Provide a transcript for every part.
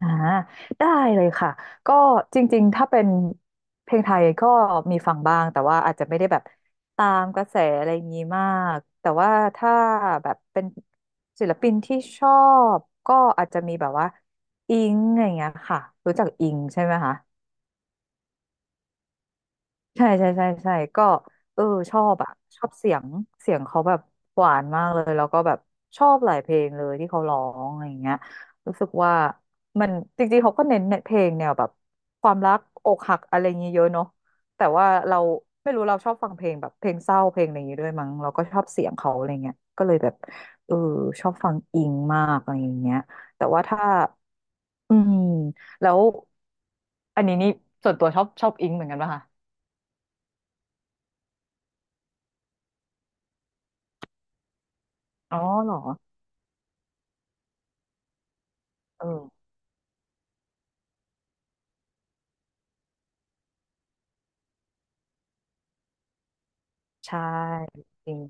อ่าได้เลยค่ะก็จริงๆถ้าเป็นเพลงไทยก็มีฟังบ้างแต่ว่าอาจจะไม่ได้แบบตามกระแสอะไรอย่างนี้มากแต่ว่าถ้าแบบเป็นศิลปินที่ชอบก็อาจจะมีแบบว่าอิงอะไรอย่างเงี้ยค่ะรู้จักอิงใช่ไหมคะ ใช่ใช่ใช่ใช่ก็เออชอบอะชอบเสียงเสียงเขาแบบหวานมากเลยแล้วก็แบบชอบหลายเพลงเลยที่เขาร้องอะไรอย่างเงี้ยรู้สึกว่ามันจริงๆเขาก็เน้นเพลงแนวแบบความรักอกหักอะไรอย่างเงี้ยเยอะเนาะแต่ว่าเราไม่รู้เราชอบฟังเพลงแบบเพลงเศร้าเพลงอะไรอย่างงี้ด้วยมั้งเราก็ชอบเสียงเขาอะไรเงี้ยก็เลยแบบเออชอบฟังอิงมากอะไรอย่างเงี้ยแต่ว่าถ้าอืมแล้วอันนี้นี่ส่วนตัวชอบอิงเหมือนกันป่ะคะอ๋อเหรอ เออใช่จริง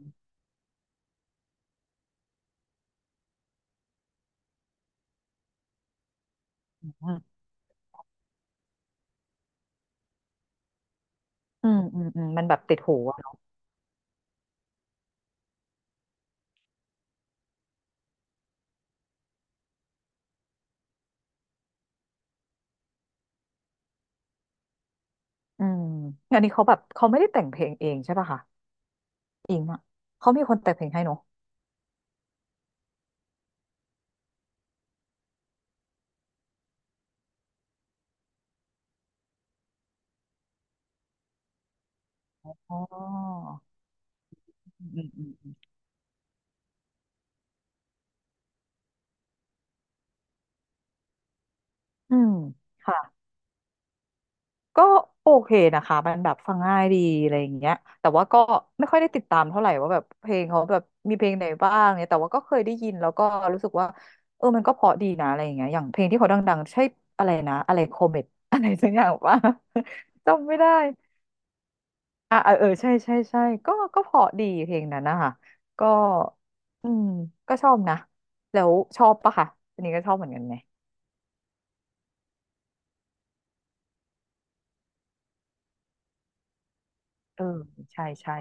อืมอืมอืมมันแบบติดหูอะเนอะอืมอันนี้เขาแบบเขาไม่ได้แต่งเพลงเองใช่ป่ะคะอิงอะเขามีคนแต่งเพลงให้เนอะอ๋ออืมอืมอืมอืมค่ะก็โอเคนะคะมันแบบฟังง่ายดีอะไรอย่างเงี้ยแต่ว่าก็ไม่ค่อยได้ติดตามเท่าไหร่ว่าแบบเพลงเขาแบบมีเพลงไหนบ้างเนี่ยแต่ว่าก็เคยได้ยินแล้วก็รู้สึกว่าเออมันก็เพราะดีนะอะไรอย่างเงี้ยอย่างเพลงที่เขาดังๆใช่อะไรนะอะไรโคเมตอะไรสักอย่างว่า จำไม่ได้ อ่ะเออเออใช่ใช่ใช่ก็เพราะดีเพลงนั้นนะคะก็อืมก็ชอบนะแล้วชอบปะคะอันนี้ก็ชอบเหมือนกันไหมเออใช่ใช่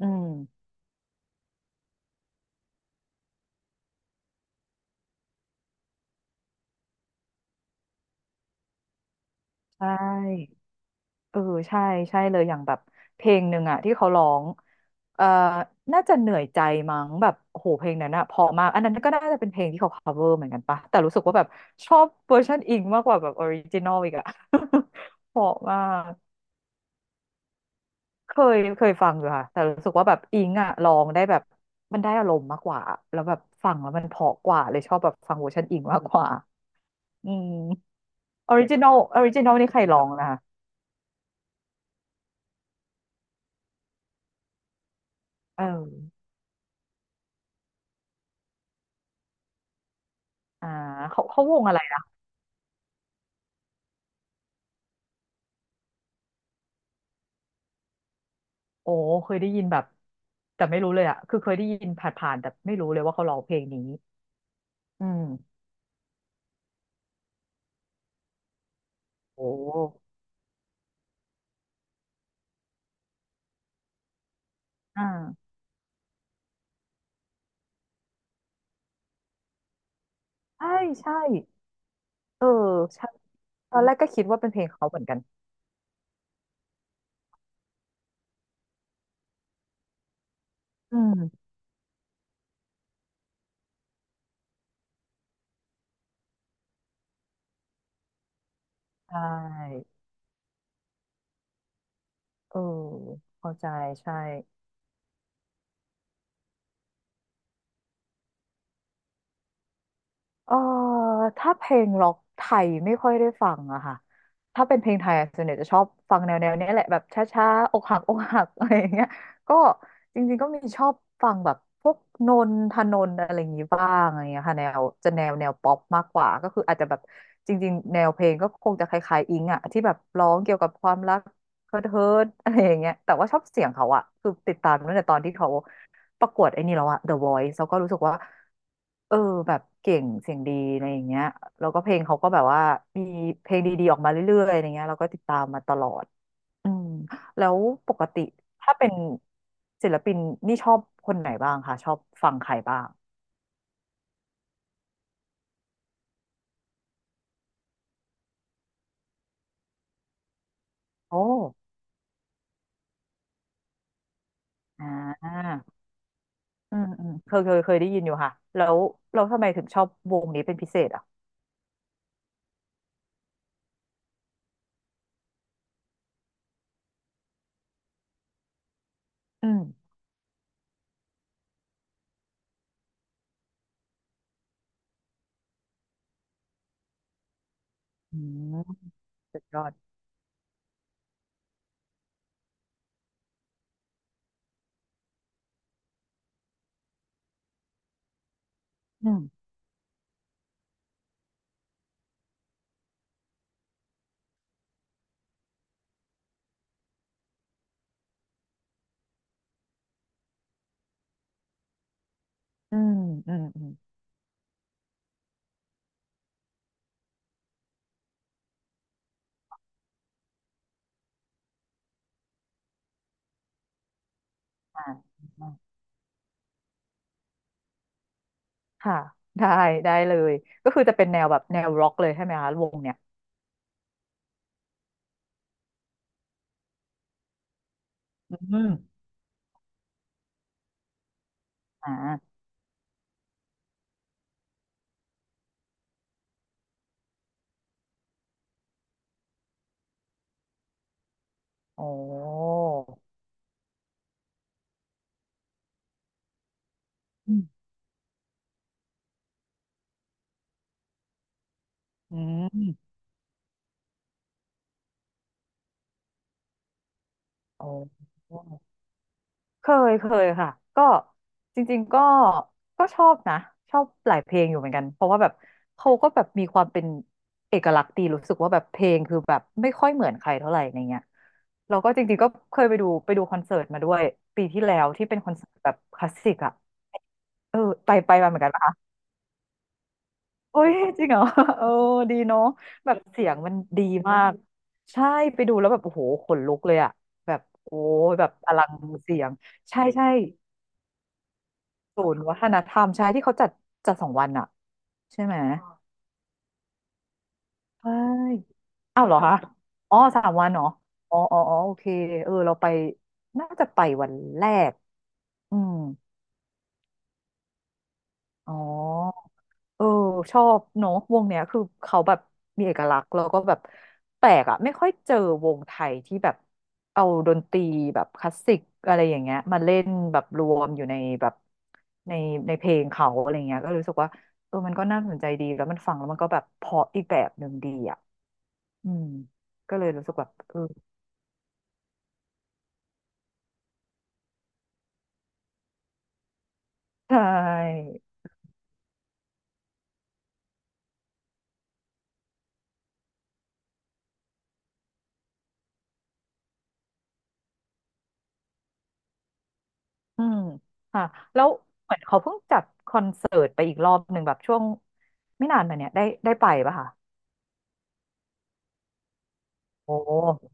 อืมใช่เออใช่ใช่เลยอย่างแบบเพลงหนึ่งอะที่เขาร้องเอ่อน่าจะเหนื่อยใจมั้งแบบโอ้โหเพลงนั้นอะเพราะมากอันนั้นก็น่าจะเป็นเพลงที่เขา cover เหมือนกันปะแต่รู้สึกว่าแบบชอบเวอร์ชันอิงมากกว่าแบบออริจินอลอีกอะ เพราะมาก เคยฟังอยู่ค่ะแต่รู้สึกว่าแบบอิงอะร้องได้แบบมันได้อารมณ์มากกว่าแล้วแบบฟังแล้วมันเพราะกว่าเลยชอบแบบฟังเวอร์ชันอิงมากกว่าอืมออริจินอลออริจินอลนี่ใครร้องนะคะเอออ่าเขาเขาวงอะไรนะโอ้เคยได้ยินแบบแต่ไม่รู้เลยอะคือเคยได้ยินผ่านๆแต่ไม่รู้เลยว่าเขาร้องเพลงนี้อืมโอ้อ่าใช่ใช่เออใช่ตอนแรกก็คิดว่าเป็นเพลงเขาเหมือนกันอืมใช่เออเข้าใจใช่ เอ่อถ้าเพลงร็อกไทยไม่ค่อยได้ฟังอะค่ะถ้าเป็นเพลงไทยอะส่วนใหญ่จะชอบฟังแนวแนวเนี้ยแหละแบบช้าๆอกหัก อกหักอะไรอย่างเงี้ยก็จริงๆก็มีชอบฟังแบบพวกนนทนนท์อะไรอย่างงี้บ้างอะไรเงี้ยค่ะแนวจะแนวแนวป๊อปมากกว่าก็คืออาจจะแบบจริงๆแนวเพลงก็คงจะคล้ายๆอิงอะที่แบบร้องเกี่ยวกับความรักเฮิร์ทเฮิร์ทอะไรอย่างเงี้ยแต่ว่าชอบเสียงเขาอะคือติดตามตั้งแต่ตอนที่เขา ประกวดไอ้นี่แล้วอะ The Voice แล้วก็รู้สึกว่าเออแบบเก่งเสียงดีอะไรอย่างเงี้ยแล้วก็เพลงเขาก็แบบว่ามีเพลงดีๆออกมาเรื่อยๆอะไรเงี้ยเราก็ติดตามมาตลอดอืมแล้วปกติถ้าเป็นศิลปินนี่ชอบคนไหนบ้างคะชอบฟังใครบ้างโอ้อ่าอืมอืมเคยได้ยินอยู่ค่ะแล้วเราทำไมถึงชอบวงนี้เป็นพิเศษอ่ะอืมอืมสุดยอดอืมอืมอืมอืมอ่า ค่ะได้ได้เลยก็คือจะเป็นแนวแบบแนวร็อกเลยใช่ไหมคะวงเนี่ยอืมอ่าโอ้อืมอืมโอ้เคยเคยค่ะก็จริงๆก็ก็ชอบนะชอบหลายเพลงอยู่เหมือนกันเพราะว่าแบบเขาก็แบบมีความเป็นเอกลักษณ์ดีรู้สึกว่าแบบเพลงคือแบบไม่ค่อยเหมือนใครเท่าไหร่ในเงี้ยเราก็จริงๆก็เคยไปดูคอนเสิร์ตมาด้วยปีที่แล้วที่เป็นคอนเสิร์ตแบบคลาสสิกอะเออไปไปมาเหมือนกัน โอ้ยจริงเหรอ เออดีเนาะแบบเสียงมันดีมากใช่ไปดูแล้วแบบโอ้โหขนลุกเลยอะแบบโอ้ยแบบอลังเสียงใช่ใช่ศูนย์วัฒนธรรมใช่ที่เขาจัดจัดสองวันอะใช่ไหมใช่อ้าวเหรอคะอ๋อสามวันเหรออ๋ออ๋ออ๋อโอเคเออเราไปน่าจะไปวันแรกอืมอ๋อ เออชอบเนาะวงเนี้ยคือเขาแบบมีเอกลักษณ์แล้วก็แบบแปลกอะไม่ค่อยเจอวงไทยที่แบบเอาดนตรีแบบคลาสสิกอะไรอย่างเงี้ยมาเล่นแบบรวมอยู่ในแบบในในเพลงเขาอะไรเงี้ยก็รู้สึกว่าเออมันก็น่าสนใจดีแล้วมันฟังแล้วมันก็แบบเพราะอีกแบบหนึ่งดีอ่ะอืมก็เลยรู้สึกแบบเออใช่อืมค่ะแล้วเหมือนเขาเพิ่งจัดคอนเสิร์ตไปอีกรอบหนึ่งแบบช่วงไม่นานมาเนี้ยได้ได้ไปปะคะโอ้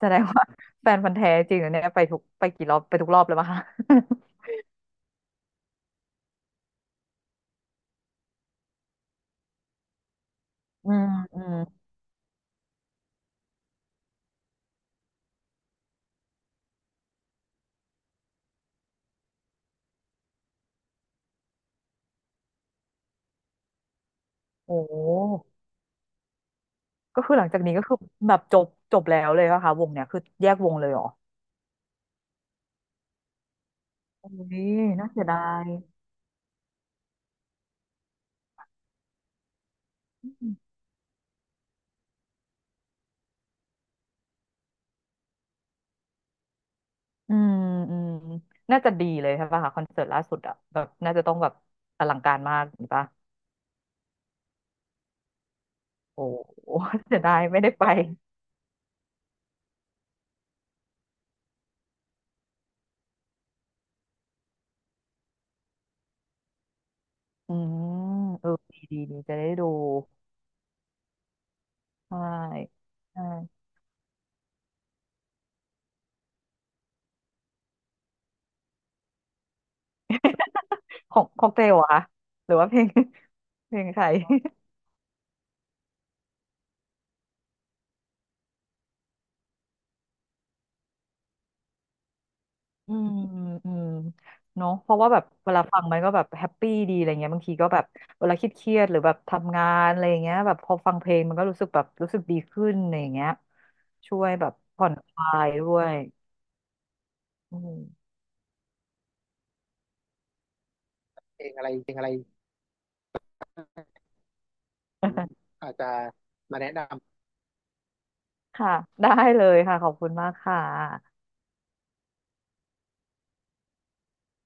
แสดงว่า แฟนพันธุ์แท้จริงเหรอเนี่ยไปทุกไปกี่รอบไปทุกรอบเลยปะคะ อืมอืมโอ้ก็คือหลังจากนี้ก็คือแบบจบจบแล้วเลยป่ะคะวงเนี่ยคือแยกวงเลยเหรอ โอ้ยน่าเสียดายอืมอืมน่าจะดีเลยใช่ป่ะคะคอนเสิร์ตล่าสุดอะแบบน่าจะต้องแบบอลังการมากหช่อปะโอ้โห เสียดายไม่ได้ไปอืมเออดีดีดีจะได้ดูใช่ใช่ของของเตลเหรอคะหรือว่าเพลง เพลงใคร อืมอืมเนาะเพราะว่าแบบเวลาฟังมันก็แบบแฮปปี้ดีอะไรเงี้ยบางทีก็แบบเวลาคิดเครียดๆหรือแบบทำงานอะไรอย่างเงี้ยแบบพอฟังเพลงมันก็รู้สึกแบบรู้สึกดีขึ้นอะไรอย่างเงี้ยช่วยแบบผ่อนคลายด้วยอืมเพลงอะไรเพลงอะไร อาจจะมาแนะนำค่ะได้เลยค่ะขอบคุณมากค่ะ